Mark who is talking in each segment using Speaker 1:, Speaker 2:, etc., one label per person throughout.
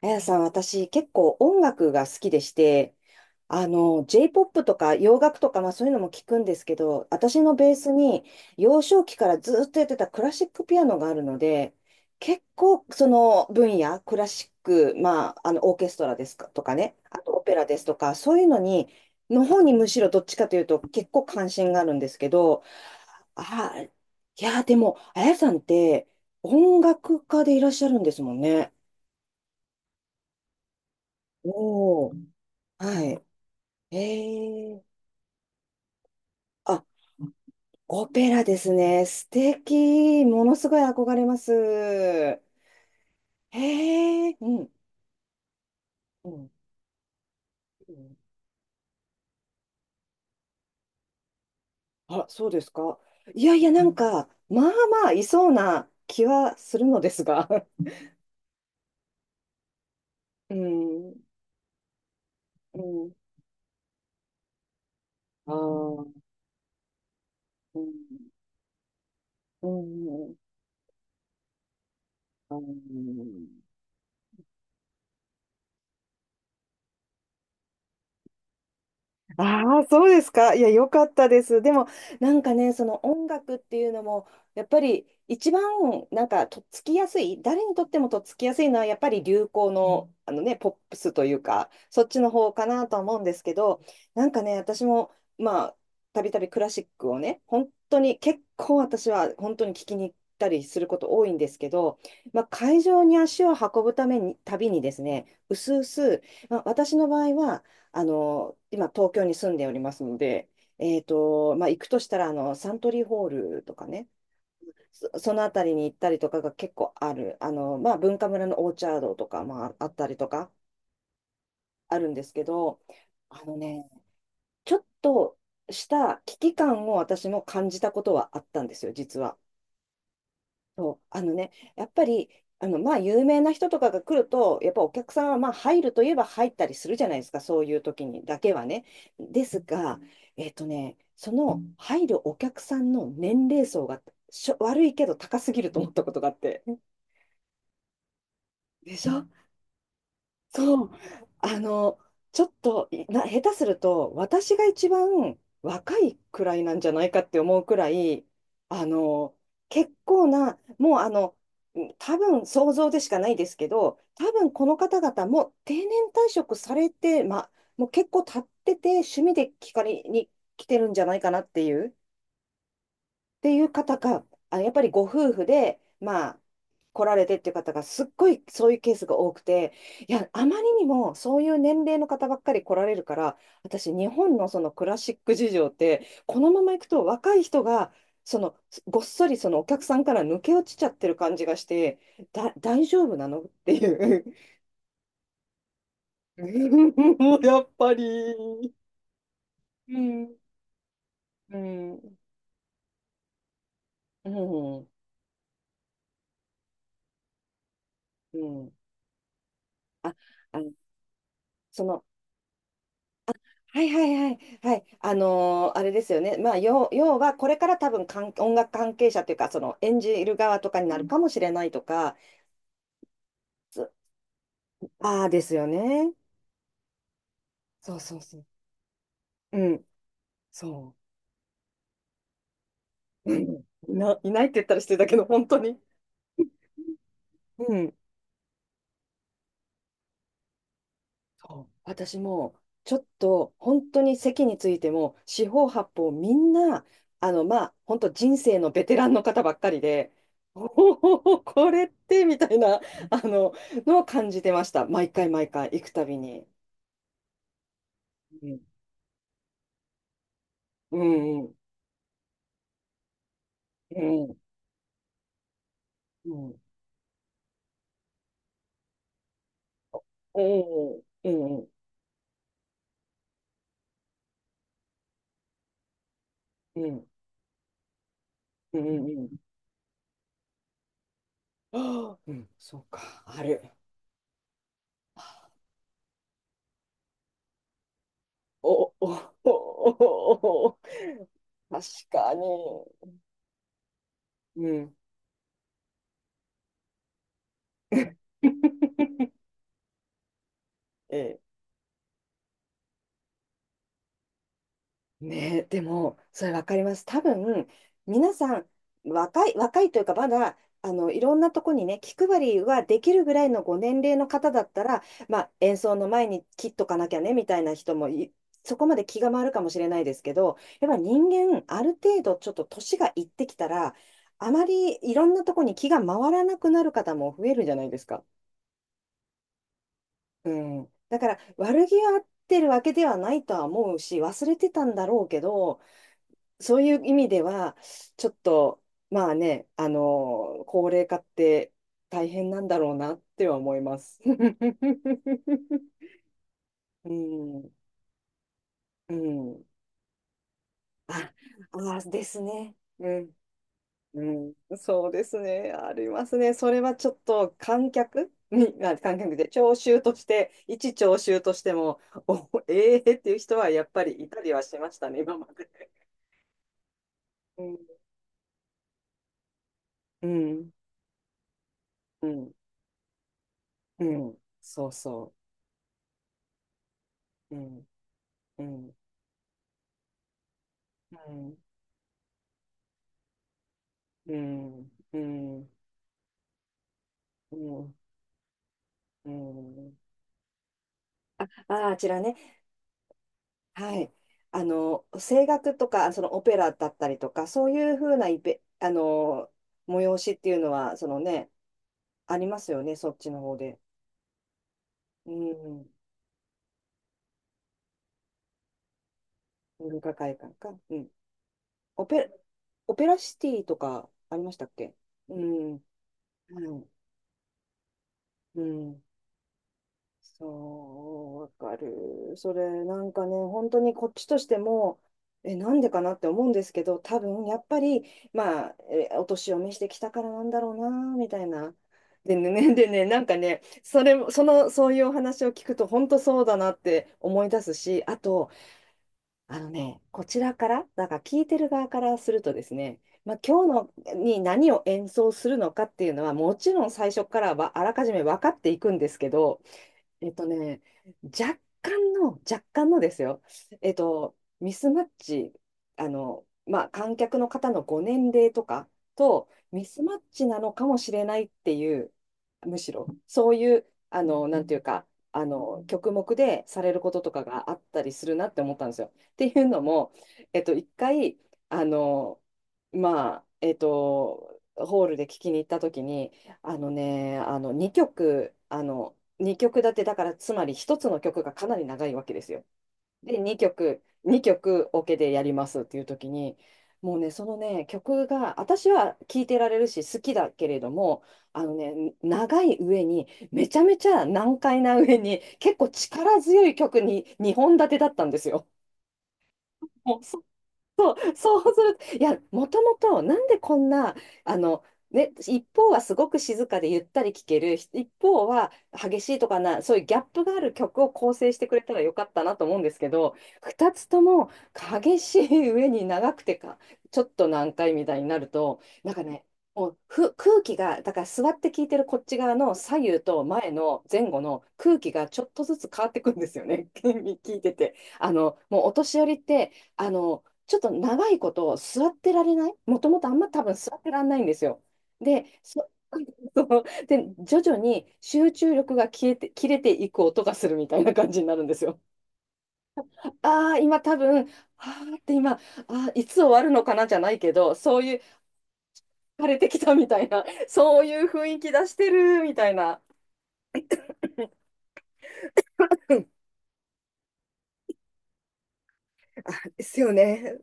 Speaker 1: あやさん、私結構音楽が好きでして、J-POP とか洋楽とか、そういうのも聞くんですけど、私のベースに幼少期からずっとやってたクラシックピアノがあるので、結構その分野、クラシック、オーケストラですかとかね、あとオペラですとか、そういうのに、の方にむしろどっちかというと結構関心があるんですけど、あーいや、でも、あやさんって音楽家でいらっしゃるんですもんね。おお。はい。ええあ、オペラですね。素敵。ものすごい憧れます。へえ、うん、うん。うんあ、そうですか。いやいや、なんか、まあいそうな気はするのですが。うん、うん。あうんあ、うん、うん、うん。ああ、そうですか。いや、よかったです。でも、なんかね、その音楽っていうのも、やっぱり一番、なんか、とっつきやすい、誰にとってもとっつきやすいのは、やっぱり流行の、あのね、ポップスというか、そっちの方かなとは思うんですけど、なんかね、私も、まあ、たびたびクラシックをね、本当に、結構私は本当に聞きに行ったりすること多いんですけど、まあ、会場に足を運ぶために、たびにですね、うすうす、まあ、私の場合は、あの、今、東京に住んでおりますので、まあ、行くとしたら、あの、サントリーホールとかね、そのあたりに行ったりとかが結構ある。あの、まあ、文化村のオーチャードとか、まあ、あったりとか、あるんですけど、あのね、ちょっとした危機感を私も感じたことはあったんですよ、実は。そう、あのね、やっぱり、あの、まあ、有名な人とかが来ると、やっぱお客さんは、まあ、入るといえば入ったりするじゃないですか、そういう時にだけはね。ですが、えっとね、その入るお客さんの年齢層が悪いけど高すぎると思ったことがあって。でしょそう、あの、ちょっとな、下手すると、私が一番若いくらいなんじゃないかって思うくらい、あの、結構な、もうあの、多分想像でしかないですけど、多分この方々もう定年退職されて、ま、もう結構経ってて、趣味で聞かれに来てるんじゃないかなっていう。ていう方が、あ、やっぱりご夫婦で、まあ、来られてっていう方がすっごいそういうケースが多くて、いや、あまりにもそういう年齢の方ばっかり来られるから、私、日本のそのクラシック事情って、このまま行くと若い人が、そのごっそりそのお客さんから抜け落ちちゃってる感じがして、大丈夫なのっていう。もうやっぱり。うん。うん。うん。うん。あ、あの、そのはいはいはいはい。あのーあれですよね。まあ、要は、これから多分音楽関係者というか、その演じる側とかになるかもしれないとか、そああですよね。そうそうそう。うん、そいないって言ったら失礼だけど、本当に。うん。そう私もちょっと本当に席についても四方八方みんなあのまあ本当人生のベテランの方ばっかりでおおこれってみたいなあののを感じてました毎回毎回行くたびにうんうんうんうんうんうんうんうんうんうんうんあーうんそうかあるおおおおおお確かにうん ええねえ、でも、それわかります。多分、皆さん、若いというか、まだ、あの、いろんなとこにね、気配りはできるぐらいのご年齢の方だったら、まあ、演奏の前に切っとかなきゃね、みたいな人もい、そこまで気が回るかもしれないですけど、やっぱ人間、ある程度、ちょっと年がいってきたら、あまりいろんなとこに気が回らなくなる方も増えるじゃないですか。うん、だから悪気はあってるわけではないとは思うし忘れてたんだろうけどそういう意味ではちょっとまあねあの高齢化って大変なんだろうなっては思います。うん、うん、あ、あですね。うんうん、そうですね。ありますね。それはちょっと観客に、観客で聴衆として、一聴衆としても、ええっていう人はやっぱりいたりはしましたね、今まで。うん、うん、うん、うん、そうそう。うん、うん、うん、うん、うん、うん。うんあ、あちらね。はい。あの、声楽とか、そのオペラだったりとか、そういうふうなイベ、あの、催しっていうのは、そのね、ありますよね、そっちの方で。うん。文化会館か。うん。オペ、オペラシティとかありましたっけうん。はい。うん。そう、わかる。それ、なんかね、本当にこっちとしても、え、なんでかなって思うんですけど、多分、やっぱり、まあ、えお年を召してきたからなんだろうな、みたいな。でね、でね、なんかね、それも、その、そういうお話を聞くと、本当そうだなって思い出すし、あと、あのね、こちらから、だから聞いてる側からするとですね、まあ、今日のに何を演奏するのかっていうのは、もちろん最初からはあらかじめ分かっていくんですけど、えっとね、若干のですよ。えっと、ミスマッチ、あの、まあ、観客の方のご年齢とかと、ミスマッチなのかもしれないっていう、むしろ、そういう、あの、なんていうか、あの、曲目でされることとかがあったりするなって思ったんですよ。っていうのも、えっと、一回、あの、まあ、えっと、ホールで聞きに行った時に、あのね、あの、2曲、あの、2曲立てだからつまり一つの曲がかなり長いわけですよ。で2曲オケでやりますっていう時にもうねそのね曲が私は聴いてられるし好きだけれどもあのね長い上にめちゃめちゃ難解な上に結構力強い曲に2本立てだったんですよ。もう そうすると、いや、もともと、なんでこんな、あの、ね、一方はすごく静かでゆったり聴ける、一方は激しいとかな、そういうギャップがある曲を構成してくれたらよかったなと思うんですけど、二つとも激しい上に長くてちょっと難解みたいになると、なんかね、もうふ空気が、だから座って聴いてるこっち側の左右と前後の空気がちょっとずつ変わってくんですよね、聞いてて。あの、もうお年寄りって、あの、ちょっと長いこと座ってられない、もともとあんま多分座ってらんないんですよ。で、そ そうで徐々に集中力が消えて切れていく音がするみたいな感じになるんですよ。ああ、今多分、ああって今、ああ、いつ終わるのかなじゃないけど、そういう、枯れてきたみたいな、そういう雰囲気出してるみたいな。うんあ、ですよね。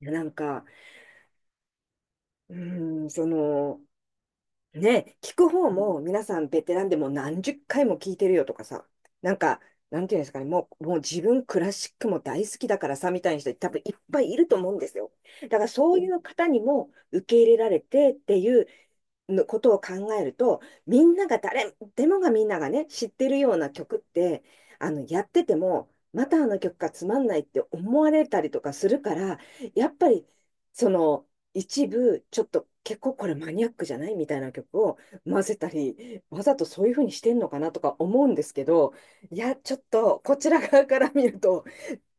Speaker 1: いやなんか、うん、その、ね、聞く方も皆さんベテランでもう何十回も聞いてるよとかさ、なんか、なんていうんですかね、もう、もう自分クラシックも大好きだからさ、みたいな人多分いっぱいいると思うんですよ。だからそういう方にも受け入れられてっていう、のことを考えると、みんながね、知ってるような曲って、あの、やってても、またあの曲がつまんないって思われたりとかするから、やっぱり、その、一部、ちょっと結構これマニアックじゃないみたいな曲を混ぜたり、わざとそういうふうにしてんのかなとか思うんですけど、いや、ちょっとこちら側から見ると、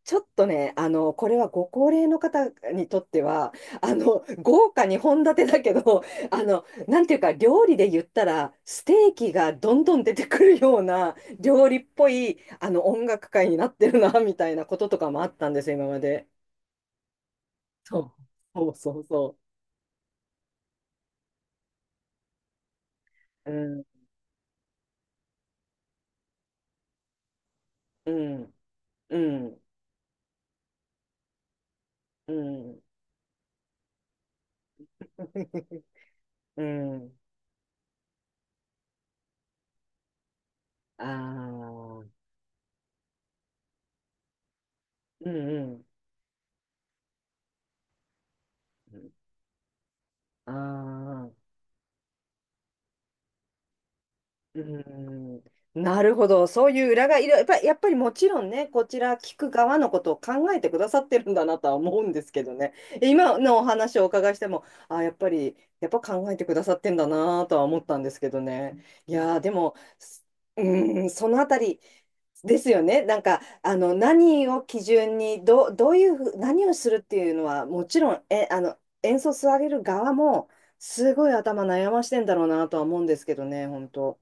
Speaker 1: ちょっとね、あの、これはご高齢の方にとっては、あの、豪華に本立てだけど、あの、なんていうか、料理で言ったら、ステーキがどんどん出てくるような、料理っぽい、あの、音楽会になってるな、みたいなこととかもあったんですよ、今まで。そう、そうそうそう。うん、うん、うん、うん。うん。ああ、うん、うん。ああ。うーん、なるほど。そういう裏がいる。やっぱりもちろんね、こちら聞く側のことを考えてくださってるんだなとは思うんですけどね。今のお話をお伺いしても、やっぱ考えてくださってんだなとは思ったんですけどね。いやー、でも、うーん、そのあたりですよね。なんか、あの、何を基準に、どういうふう、何をするっていうのは、もちろん、え、あの、演奏される側も、すごい頭悩ましてんだろうなとは思うんですけどね、本当。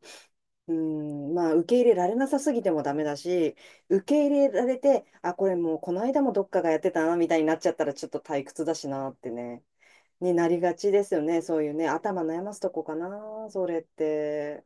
Speaker 1: うん、まあ、受け入れられなさすぎてもダメだし、受け入れられて、あ、これもうこの間もどっかがやってたな、みたいになっちゃったらちょっと退屈だしなってね、になりがちですよね。そういうね、頭悩ますとこかな、それって。